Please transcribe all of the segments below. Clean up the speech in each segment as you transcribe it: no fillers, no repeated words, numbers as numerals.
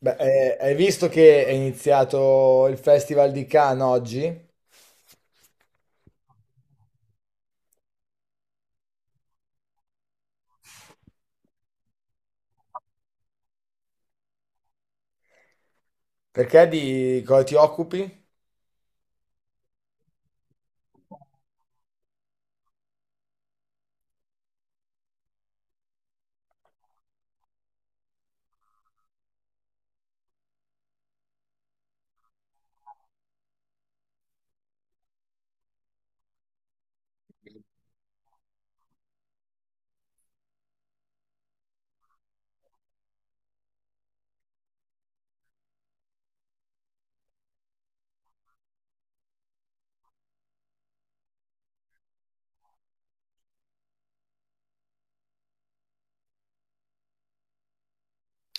Beh, hai visto che è iniziato il Festival di Cannes oggi? Perché di cosa ti occupi?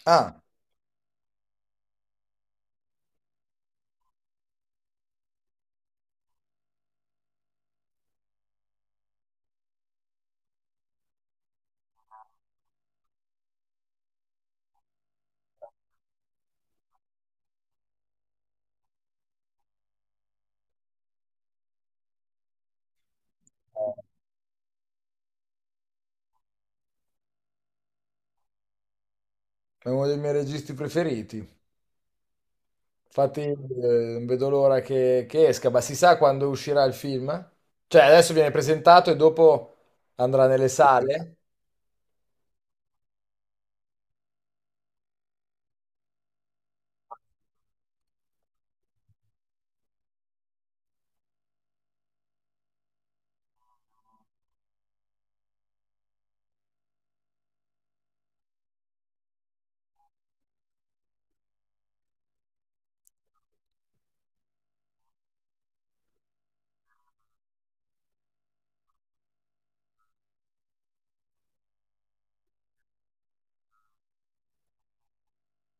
Ah, è uno dei miei registi preferiti. Infatti, non vedo l'ora che, esca, ma si sa quando uscirà il film? Cioè, adesso viene presentato e dopo andrà nelle sale?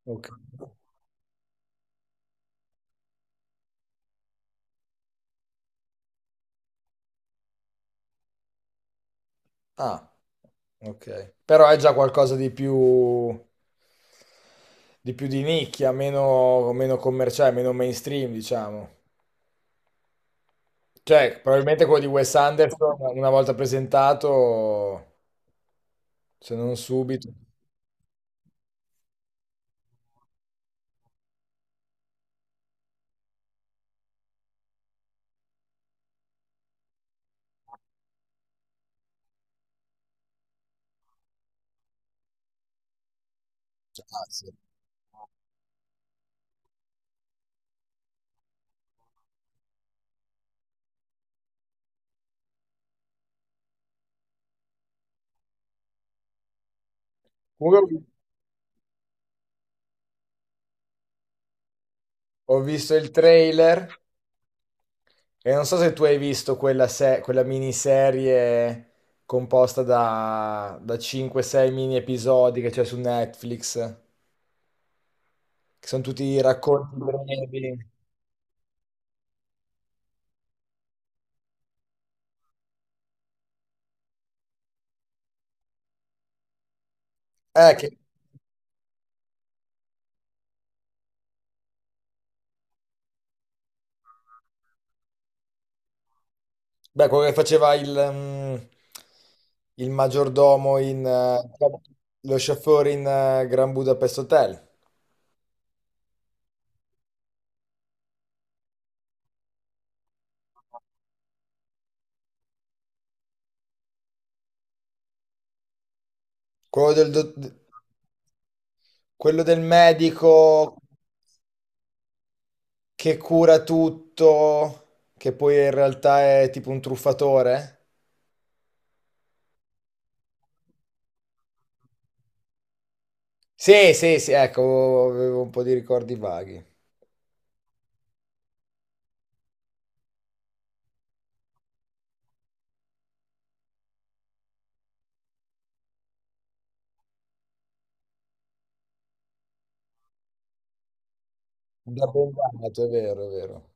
Ok. Ah, ok. Però è già qualcosa di più di nicchia, meno, commerciale, meno mainstream, diciamo. Cioè, probabilmente quello di Wes Anderson, una volta presentato, se non subito. Ah, sì. Comunque ho visto il trailer e non so se tu hai visto quella, quella miniserie composta da 5-6 mini episodi che c'è su Netflix, che sono tutti racconti brevi. Che, beh, quello che faceva il, il maggiordomo in, lo chauffeur in Grand Budapest Hotel. Quello del, quello del medico che cura tutto, che poi in realtà è tipo un truffatore? Sì, sì, sì, ecco, avevo un po' di ricordi vaghi. Da ben dato, è vero, è vero.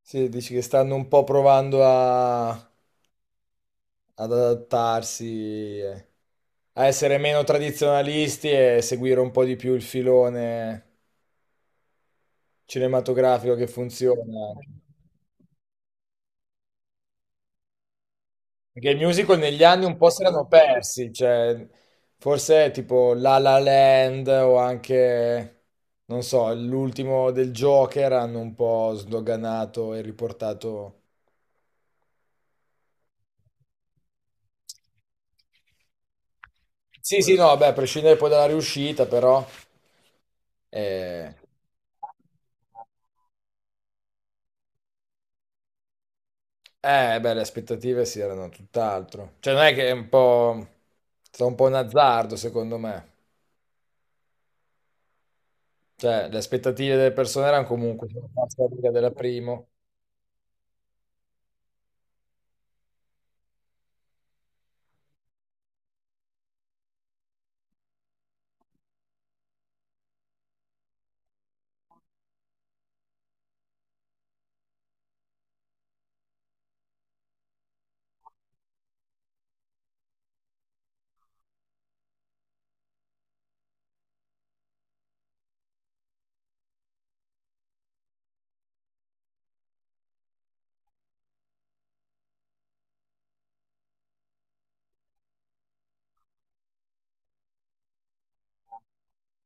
Sì, dici che stanno un po' provando a, ad adattarsi, a essere meno tradizionalisti e seguire un po' di più il filone cinematografico che funziona. Perché i musical negli anni un po' si erano persi, cioè forse tipo La La Land o anche, non so, l'ultimo del Joker hanno un po' sdoganato e riportato... Sì, sì, no, beh, a prescindere poi dalla riuscita, però... Eh, beh, le aspettative si erano tutt'altro. Cioè non è che è un po'... è stato un po' un azzardo, secondo me. Cioè, le aspettative delle persone erano comunque sulla falsa riga della prima.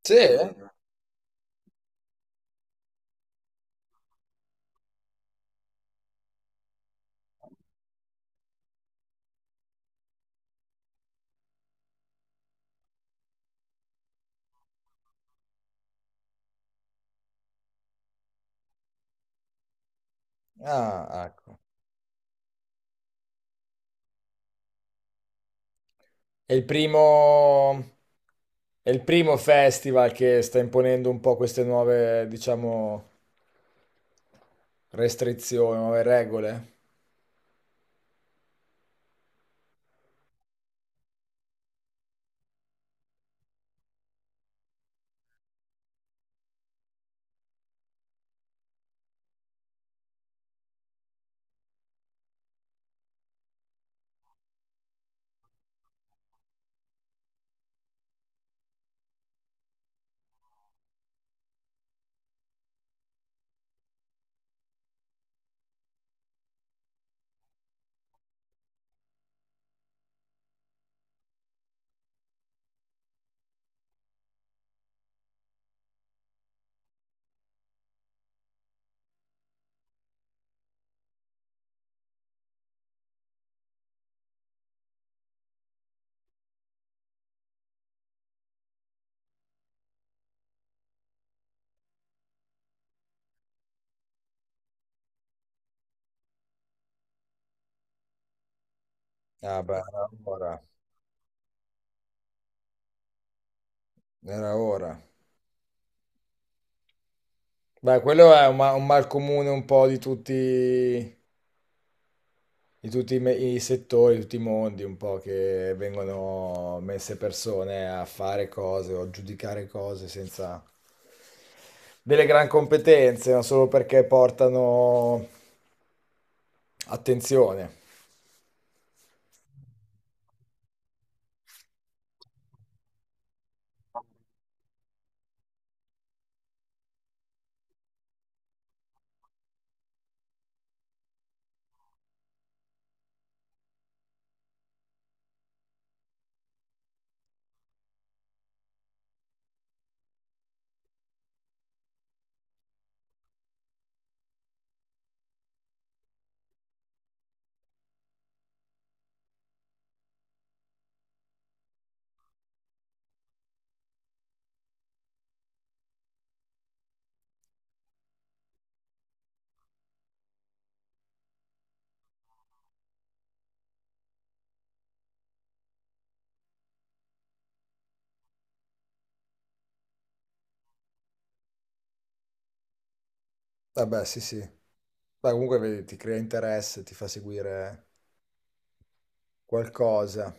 Sì? Ah, ecco. È il primo, è il primo festival che sta imponendo un po' queste nuove, diciamo, restrizioni, nuove regole. Ah, beh, era ora. Era ora. Beh, quello è un, un mal comune un po' di tutti i settori, di tutti i mondi, un po' che vengono messe persone a fare cose o a giudicare cose senza delle gran competenze, ma solo perché portano attenzione. Vabbè, sì, sì. Beh, comunque vedi, ti crea interesse, ti fa seguire qualcosa.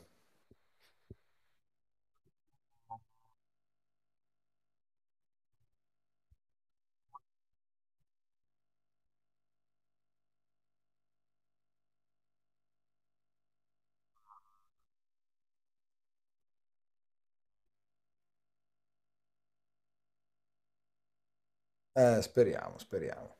Speriamo, speriamo.